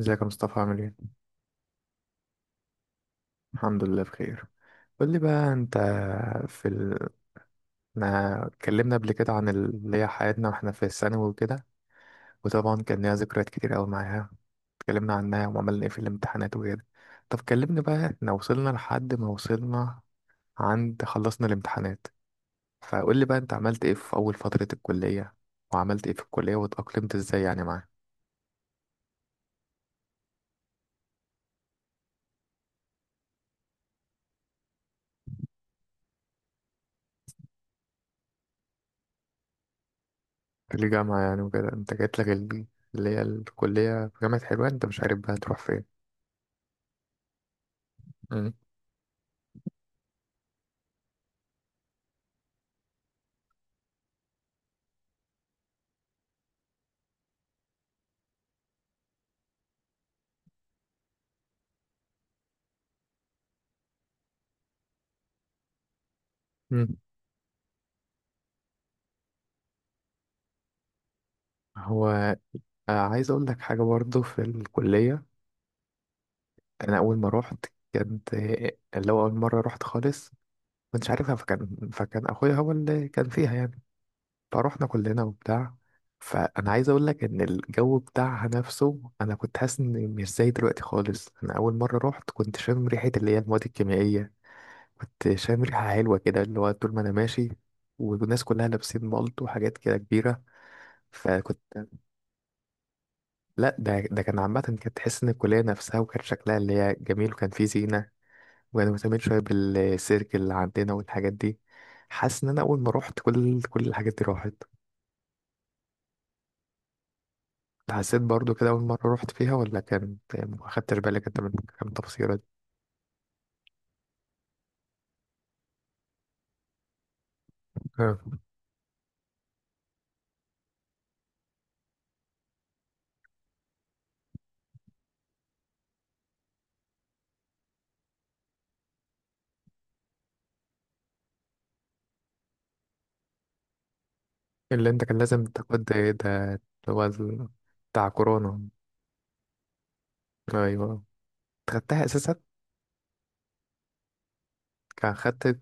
ازيك يا مصطفى؟ عامل ايه؟ الحمد لله بخير. قول لي بقى انت، في ال... ما اتكلمنا قبل كده عن اللي هي حياتنا واحنا في الثانوي وكده، وطبعا كان ليها ذكريات كتير قوي معاها. اتكلمنا عنها وعملنا ايه في الامتحانات وكده. طب كلمني بقى، احنا وصلنا لحد ما وصلنا عند خلصنا الامتحانات، فقول لي بقى انت عملت ايه في اول فترة الكلية، وعملت ايه في الكلية واتأقلمت ازاي يعني معاها، في الجامعة يعني وكده. انت جات لك اللي هي الكلية في جامعة حلوان، انت مش عارف بقى تروح فين. مم. هو عايز اقول لك حاجه برضو في الكليه. انا اول ما روحت كانت اللي هو اول مره روحت خالص، كنتش عارفها، فكان اخويا هو اللي كان فيها يعني، فروحنا كلنا وبتاع. فانا عايز اقول لك ان الجو بتاعها نفسه، انا كنت حاسس ان مش زي دلوقتي خالص. انا اول مره روحت كنت شامم ريحه اللي هي المواد الكيميائيه، كنت شامم ريحه حلوه كده اللي هو طول ما انا ماشي، والناس كلها لابسين مالت وحاجات كده كبيره. فكنت لا، ده كان عامة كانت تحس إن الكلية نفسها وكان شكلها اللي هي جميل، وكان فيه زينة، وأنا مهتمين شوية بالسيرك اللي عندنا والحاجات دي. حاسس إن أنا أول ما روحت كل الحاجات دي راحت. أنت حسيت برضو كده أول مرة روحت فيها، ولا كان ما خدتش بالك أنت من كام تفصيلة دي؟ آه. اللي أنت كان لازم تاخد ده اللي هو ال- بتاع كورونا. أيوه. خدتها أساسا؟ كان خدت كل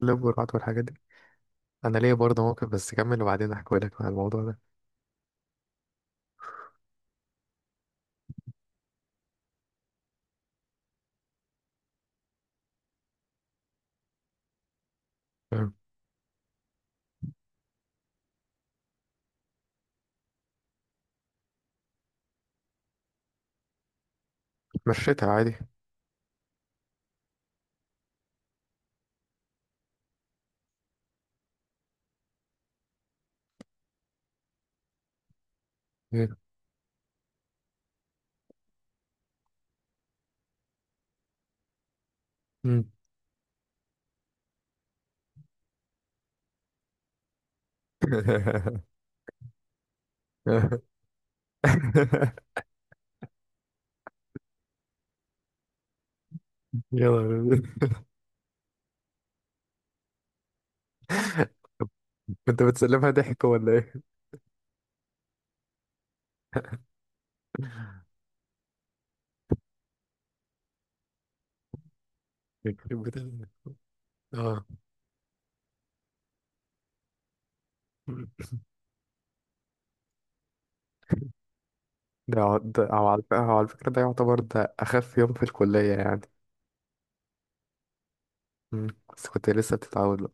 كل الجرعات والحاجات دي. أنا ليا برضه موقف، بس كمل وبعدين أحكي لك عن الموضوع ده. آه. مشيتها عادي؟ مم. يا نهار أبيض. كنت بتسلمها ضحك ولا ايه؟ يخرب بيت اه. ده أو على فكرة ده يعتبر ده أخف يوم في الكلية يعني. مم. بس كنت لسه بتتعود له.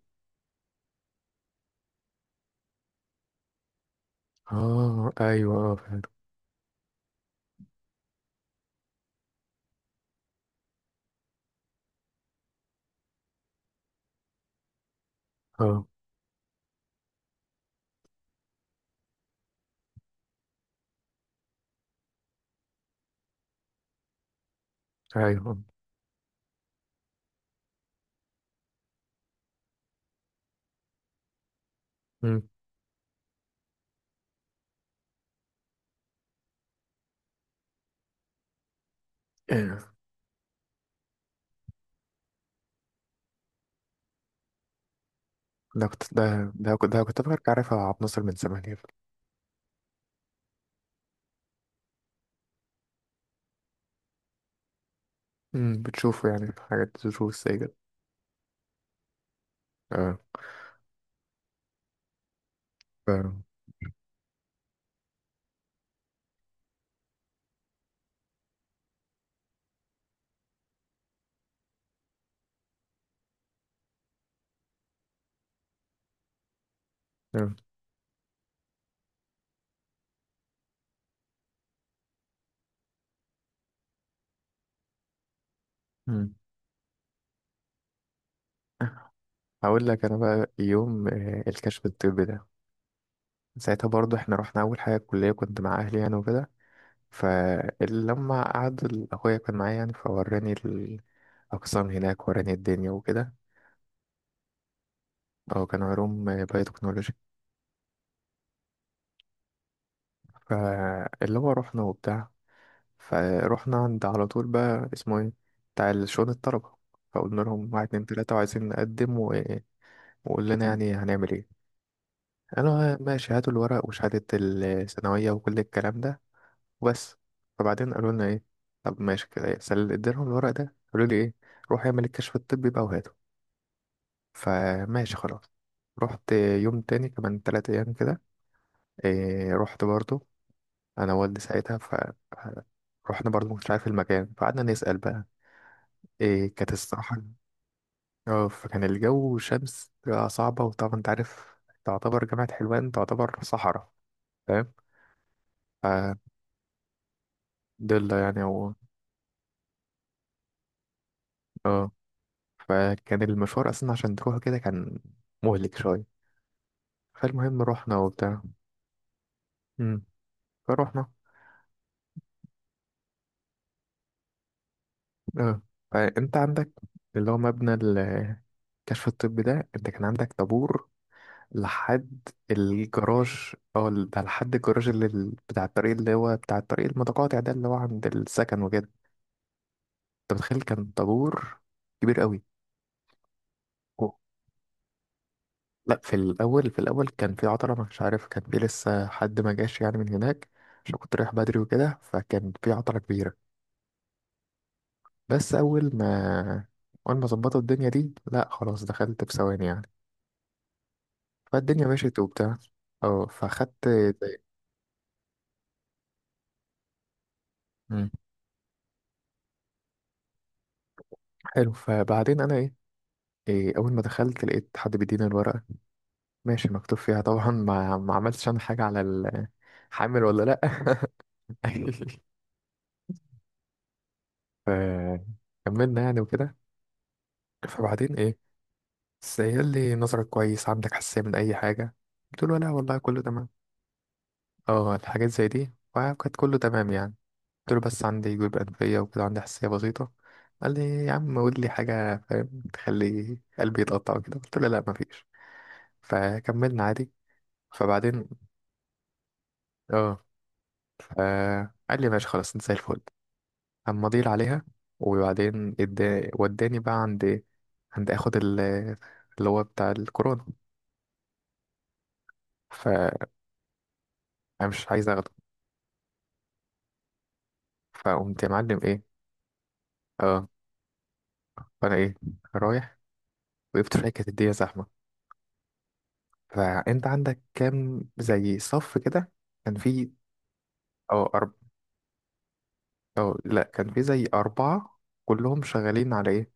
اه أيوه، اه فعلا. اه أيوه. مم. ده كنت فاكر عارفها عبد الناصر من زمان يعني؟ مم. بتشوفه يعني في حاجات دروس زي كده؟ اه ف آه. مم. هقول لك انا بقى، يوم الكشف الطبي ده، ساعتها برضو احنا رحنا اول حاجه الكليه، كنت مع اهلي يعني وكده. فلما قعد اخويا كان معايا يعني فوراني الاقسام هناك، وراني الدنيا وكده. هو كان علوم بايوتكنولوجي. فاللي هو رحنا وبتاع، فروحنا عند على طول بقى اسمه ايه، بتاع شؤون الطلبه. فقلنا لهم واحد اتنين تلاته وعايزين نقدم وقول لنا يعني هنعمل ايه. قالوا ماشي هاتوا الورق وشهاده الثانويه وكل الكلام ده وبس. فبعدين قالوا لنا ايه، طب ماشي كده إيه؟ سل اديلهم الورق ده، قالوا لي ايه، روح اعمل الكشف الطبي بقى وهاته. فماشي خلاص. رحت يوم تاني كمان 3 ايام كده، إيه رحت برضو انا والدي ساعتها. ف- رحنا برضو مش عارف المكان، فقعدنا نسأل بقى، إيه كانت الصراحة. اه، فكان الجو شمس صعبة، وطبعا انت عارف تعتبر جامعة حلوان تعتبر صحراء، فاهم؟ فضلة يعني آه. فكان المشوار اصلا عشان تروح كده كان مهلك شويه. فالمهم رحنا وبتاع. امم. فروحنا. اه، فانت عندك اللي هو مبنى الكشف الطبي ده، انت كان عندك طابور لحد الجراج. ده لحد الجراج، اللي بتاع الطريق، اللي هو بتاع الطريق المتقاطع ده، اللي هو عند السكن وكده. انت متخيل كان طابور كبير قوي. لا، في الاول كان في عطله مش عارف، كان في لسه حد ما جاش يعني من هناك، عشان كنت رايح بدري وكده، فكان في عطله كبيره. بس اول ما اول ما ظبطوا الدنيا دي لا خلاص دخلت بثواني يعني. فالدنيا مشيت وبتاع، اه فاخدت زي مم. حلو. فبعدين انا ايه، إيه اول ما دخلت لقيت حد بيديني الورقه، ماشي مكتوب فيها طبعا، ما عملتش انا حاجه على حامل ولا لا. فكملنا يعني وكده. فبعدين ايه، بس هي اللي نظرك كويس عندك حساسية من أي حاجة؟ قلت له لا والله كله تمام. اه، الحاجات زي دي، وكانت كله تمام يعني. قلت له بس عندي جيوب أنفية وكده، عندي حساسية بسيطة. قال لي يا عم قول لي حاجة فاهم تخلي قلبي يتقطع وكده، قلت له لا مفيش. فكملنا عادي. فبعدين اه، فقال لي ماشي خلاص انت زي الفل، أما أضيل عليها. وبعدين وداني بقى عند، عند اخد ال- اللي هو بتاع الكورونا. فأنا مش عايز اخده. فقمت يا معلم ايه. اه. فانا ايه، رايح وقفت في حته كانت الدنيا زحمه، فانت عندك كام زي صف كده، كان في. اه أرب... اه لا، كان في زي اربعه، كلهم شغالين على ايه،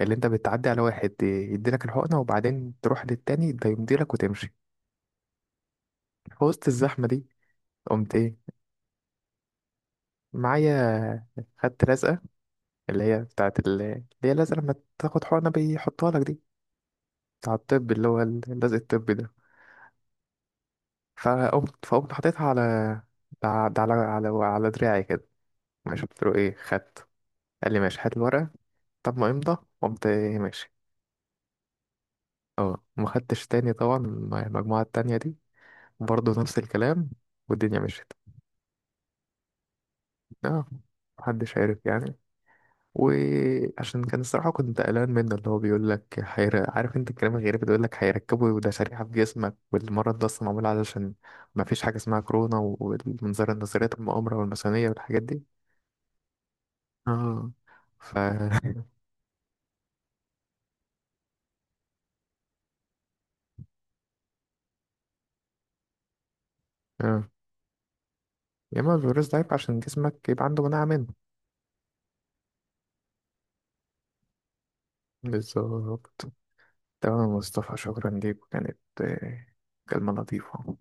اللي انت بتعدي على واحد يديلك الحقنه، وبعدين تروح للتاني ده يمديلك وتمشي، في وسط الزحمه دي. قمت ايه، معايا خدت لزقه، اللي هي بتاعت اللي هي لزقه لما تاخد حقنه بيحطها لك دي، بتاع الطب اللي هو اللزق الطبي ده. فقمت حطيتها على, دراعي كده. ماشي، قلت له ايه خدت، قال لي ماشي هات الورقة. طب ما امضى. قمت إيه ماشي. اه، ما خدتش تاني طبعا المجموعة التانية دي، برضه نفس الكلام، والدنيا مشيت. اه، محدش عارف يعني. وعشان كان الصراحة كنت قلقان منه، اللي هو بيقول لك عارف انت الكلام الغريب اللي بيقول لك هيركبوا ده شريحة في جسمك، والمرض ده اصلا معمول علشان، ما فيش حاجة اسمها كورونا، والمنظار النظريات المؤامرة والماسونية والحاجات دي. اه ف آه. يا اما الفيروس ده يبقى عشان جسمك يبقى عنده مناعة منه. بالظبط. تمام يا مصطفى، شكرا ليك وكانت كلمة لطيفة.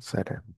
سلام.